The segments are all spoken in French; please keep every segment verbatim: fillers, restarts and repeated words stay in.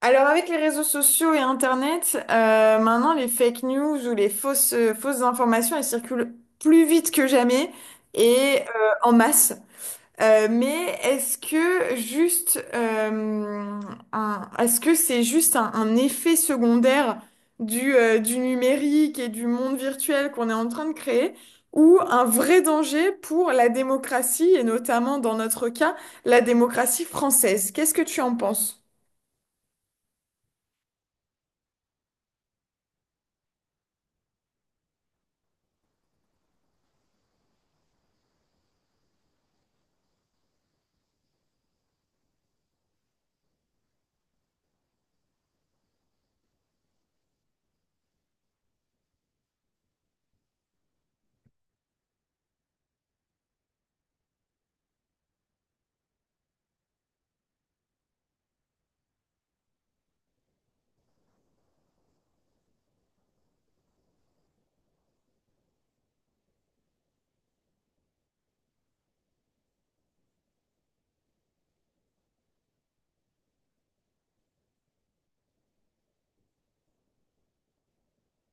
Alors avec les réseaux sociaux et Internet, euh, maintenant les fake news ou les fausses, euh, fausses informations, elles circulent plus vite que jamais et euh, en masse. Euh, mais est-ce que juste euh, un- est-ce que c'est juste un, un effet secondaire du, euh, du numérique et du monde virtuel qu'on est en train de créer ou un vrai danger pour la démocratie et notamment dans notre cas la démocratie française? Qu'est-ce que tu en penses?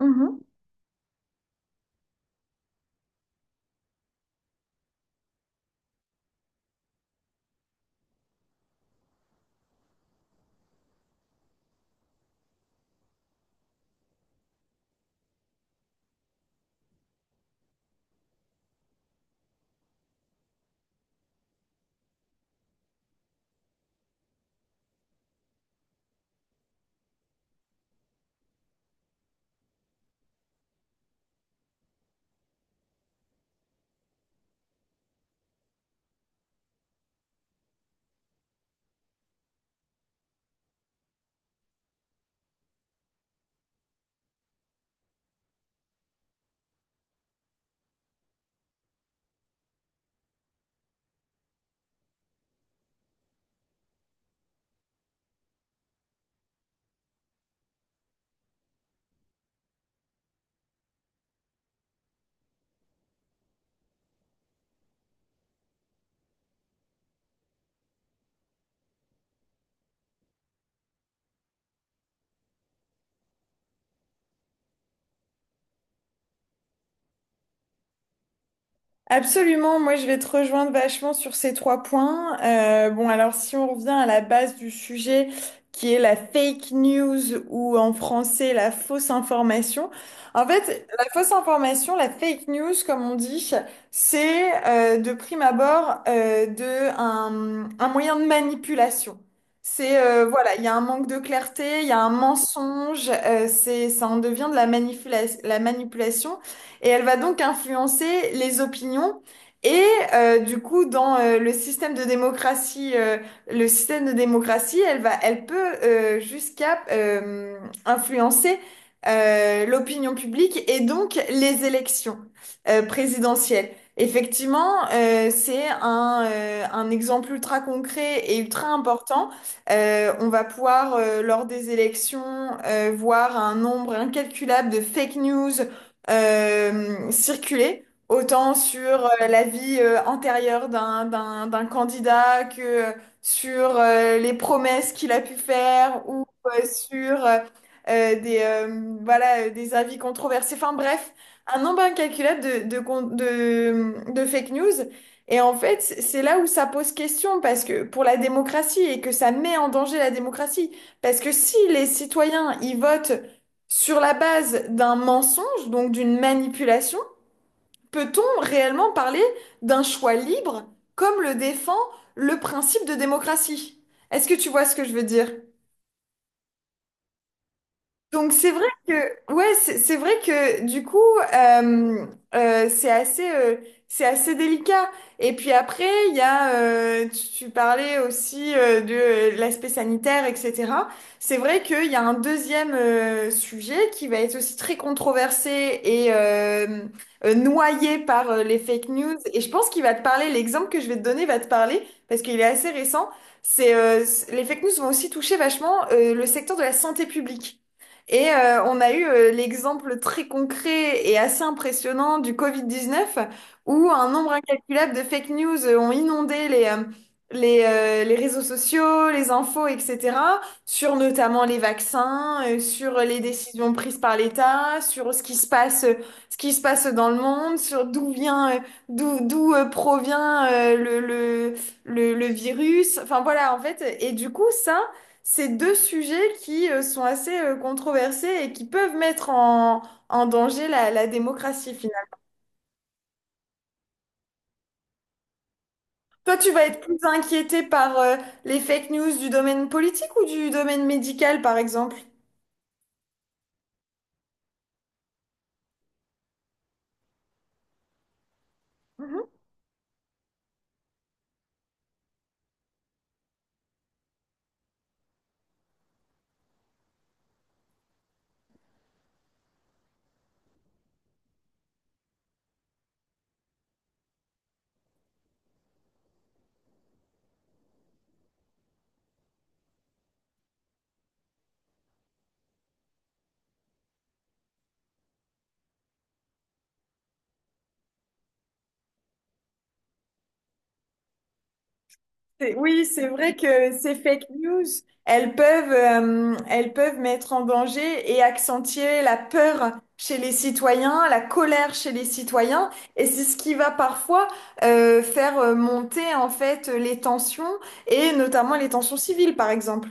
Mhm. Absolument, moi je vais te rejoindre vachement sur ces trois points. Euh, bon, alors si on revient à la base du sujet qui est la fake news ou en français la fausse information. En fait, la fausse information, la fake news, comme on dit, c'est euh, de prime abord euh, de un, un moyen de manipulation. C'est euh, voilà, il y a un manque de clarté, il y a un mensonge, euh, c'est ça en devient de la manipula- la manipulation et elle va donc influencer les opinions. Et euh, du coup, dans euh, le système de démocratie, euh, le système de démocratie, elle va, elle peut euh, jusqu'à euh, influencer euh, l'opinion publique et donc les élections euh, présidentielles. Effectivement, euh, c'est un, euh, un exemple ultra concret et ultra important. Euh, on va pouvoir, euh, lors des élections, euh, voir un nombre incalculable de fake news euh, circuler, autant sur euh, la vie euh, antérieure d'un, d'un, d'un candidat que euh, sur euh, les promesses qu'il a pu faire ou euh, sur euh, euh, des, euh, voilà, euh, des avis controversés. Enfin bref, un nombre incalculable de, de, con- de, de fake news. Et en fait, c'est là où ça pose question parce que pour la démocratie et que ça met en danger la démocratie. Parce que si les citoyens, ils votent sur la base d'un mensonge, donc d'une manipulation, peut-on réellement parler d'un choix libre comme le défend le principe de démocratie? Est-ce que tu vois ce que je veux dire? Donc c'est vrai que ouais c'est c'est vrai que du coup, euh, euh, c'est assez euh, c'est assez délicat. Et puis après il y a euh, tu, tu parlais aussi euh, de euh, l'aspect sanitaire, etc. C'est vrai qu'il y a un deuxième euh, sujet qui va être aussi très controversé et euh, euh, noyé par euh, les fake news, et je pense qu'il va te parler. L'exemple que je vais te donner va te parler parce qu'il est assez récent. C'est euh, c- les fake news vont aussi toucher vachement euh, le secteur de la santé publique, et euh, on a eu euh, l'exemple très concret et assez impressionnant du covid dix-neuf, où un nombre incalculable de fake news euh, ont inondé les, euh, les, euh, les réseaux sociaux, les infos, et cetera, sur notamment les vaccins, euh, sur les décisions prises par l'État, sur ce qui se passe, ce qui se passe dans le monde, sur d'où vient, euh, d'où, d'où euh, provient euh, le, le, le, le virus. Enfin voilà, en fait. Et du coup, ça. C'est deux sujets qui euh, sont assez euh, controversés et qui peuvent mettre en, en danger la, la démocratie finalement. Toi, tu vas être plus inquiété par euh, les fake news du domaine politique ou du domaine médical, par exemple? Mhm. C'est- Oui, c'est vrai que ces fake news, elles peuvent, euh, elles peuvent mettre en danger et accentuer la peur chez les citoyens, la colère chez les citoyens, et c'est ce qui va parfois euh, faire euh, monter en fait les tensions et notamment les tensions civiles, par exemple.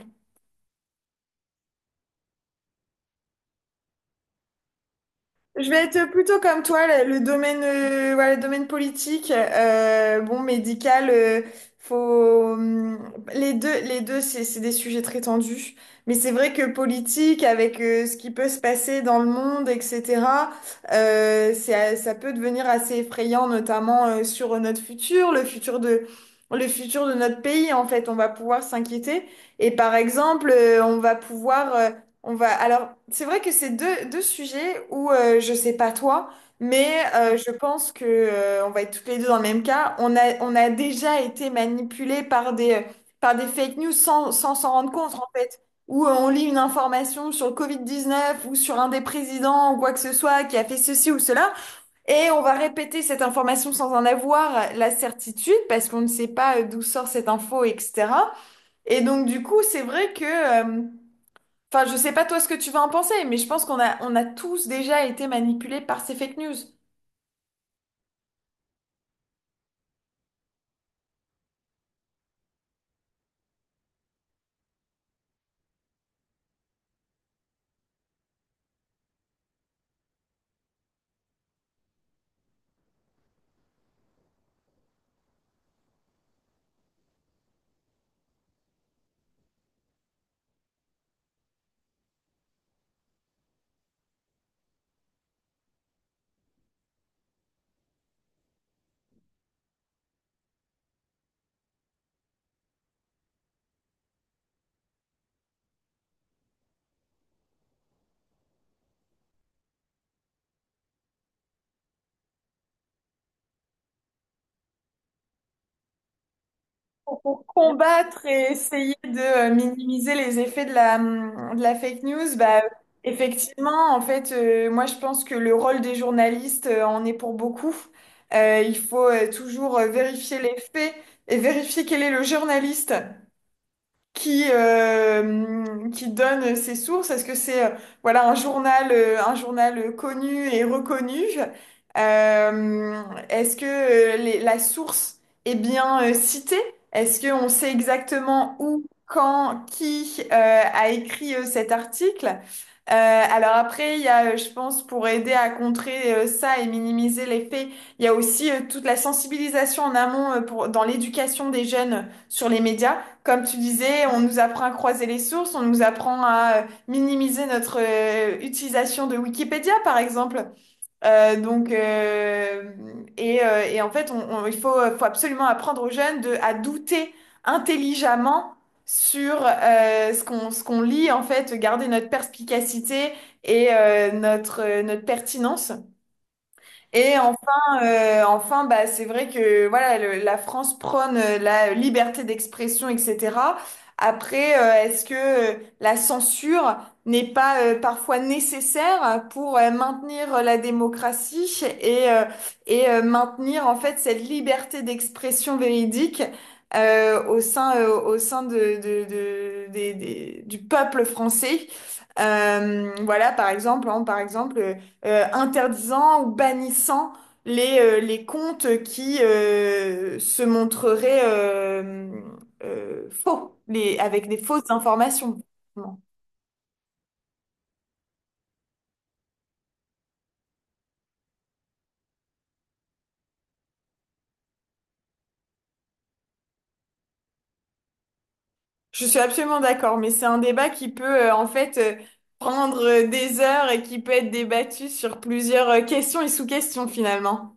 Je vais être plutôt comme toi, le, le domaine, euh, voilà, le domaine politique, euh, bon, médical, euh, faut, hum, les deux, les deux, c'est, c'est des sujets très tendus. Mais c'est vrai que politique, avec euh, ce qui peut se passer dans le monde, et cetera, euh, c'est, ça peut devenir assez effrayant, notamment euh, sur notre futur, le futur de, le futur de notre pays. En fait, on va pouvoir s'inquiéter. Et par exemple, euh, on va pouvoir euh, on va. Alors, c'est vrai que c'est deux, deux sujets où euh, je sais pas toi, mais euh, je pense que euh, on va être toutes les deux dans le même cas. On a, on a déjà été manipulés par des, euh, par des fake news sans, sans s'en rendre compte en fait. Où euh, on lit une information sur le covid neuf ou sur un des présidents ou quoi que ce soit qui a fait ceci ou cela, et on va répéter cette information sans en avoir la certitude parce qu'on ne sait pas euh, d'où sort cette info, et cetera. Et donc du coup, c'est vrai que euh, Enfin, je sais pas toi ce que tu vas en penser, mais je pense qu'on a, on a tous déjà été manipulés par ces fake news. Pour pour combattre et essayer de euh, minimiser les effets de la, hum, de la fake news, bah, effectivement, en fait, euh, moi je pense que le rôle des journalistes euh, en est pour beaucoup. Euh, il faut euh, toujours euh, vérifier les faits et vérifier quel est le journaliste, qui, euh, qui donne ses sources? Est-ce que c'est euh, voilà, un journal, euh, un journal connu et reconnu? Euh, Est-ce que euh, les- la source est bien euh, citée? Est-ce qu'on sait exactement où, quand, qui euh, a écrit euh, cet article? Euh, alors après, il y a, euh, je pense, pour aider à contrer euh, ça et minimiser les faits, il y a aussi euh, toute la sensibilisation en amont euh, pour, dans l'éducation des jeunes sur les médias. Comme tu disais, on nous apprend à croiser les sources, on nous apprend à euh, minimiser notre euh, utilisation de Wikipédia, par exemple. Euh, donc, euh, et, euh, et en fait, on- on- il faut, euh, faut absolument apprendre aux jeunes de, à douter intelligemment sur euh, ce qu'on, ce qu'on lit, en fait, garder notre perspicacité et euh, notre, euh, notre pertinence. Et enfin, euh, enfin, bah, c'est vrai que voilà, le- la France prône euh, la liberté d'expression, et cetera. Après, euh, est-ce que euh, la censure n'est pas euh, parfois nécessaire pour euh, maintenir la démocratie et, euh, et euh, maintenir en fait cette liberté d'expression véridique euh, au sein, euh, au sein de, de, de- des- des- du peuple français? Euh, voilà, par exemple, hein, par exemple euh, interdisant ou bannissant les, euh, les comptes qui euh, se montreraient euh, euh, faux, les, avec des fausses informations. Je suis absolument d'accord, mais c'est un débat qui peut euh, en fait euh, prendre euh, des heures et qui peut être débattu sur plusieurs euh, questions et sous-questions finalement.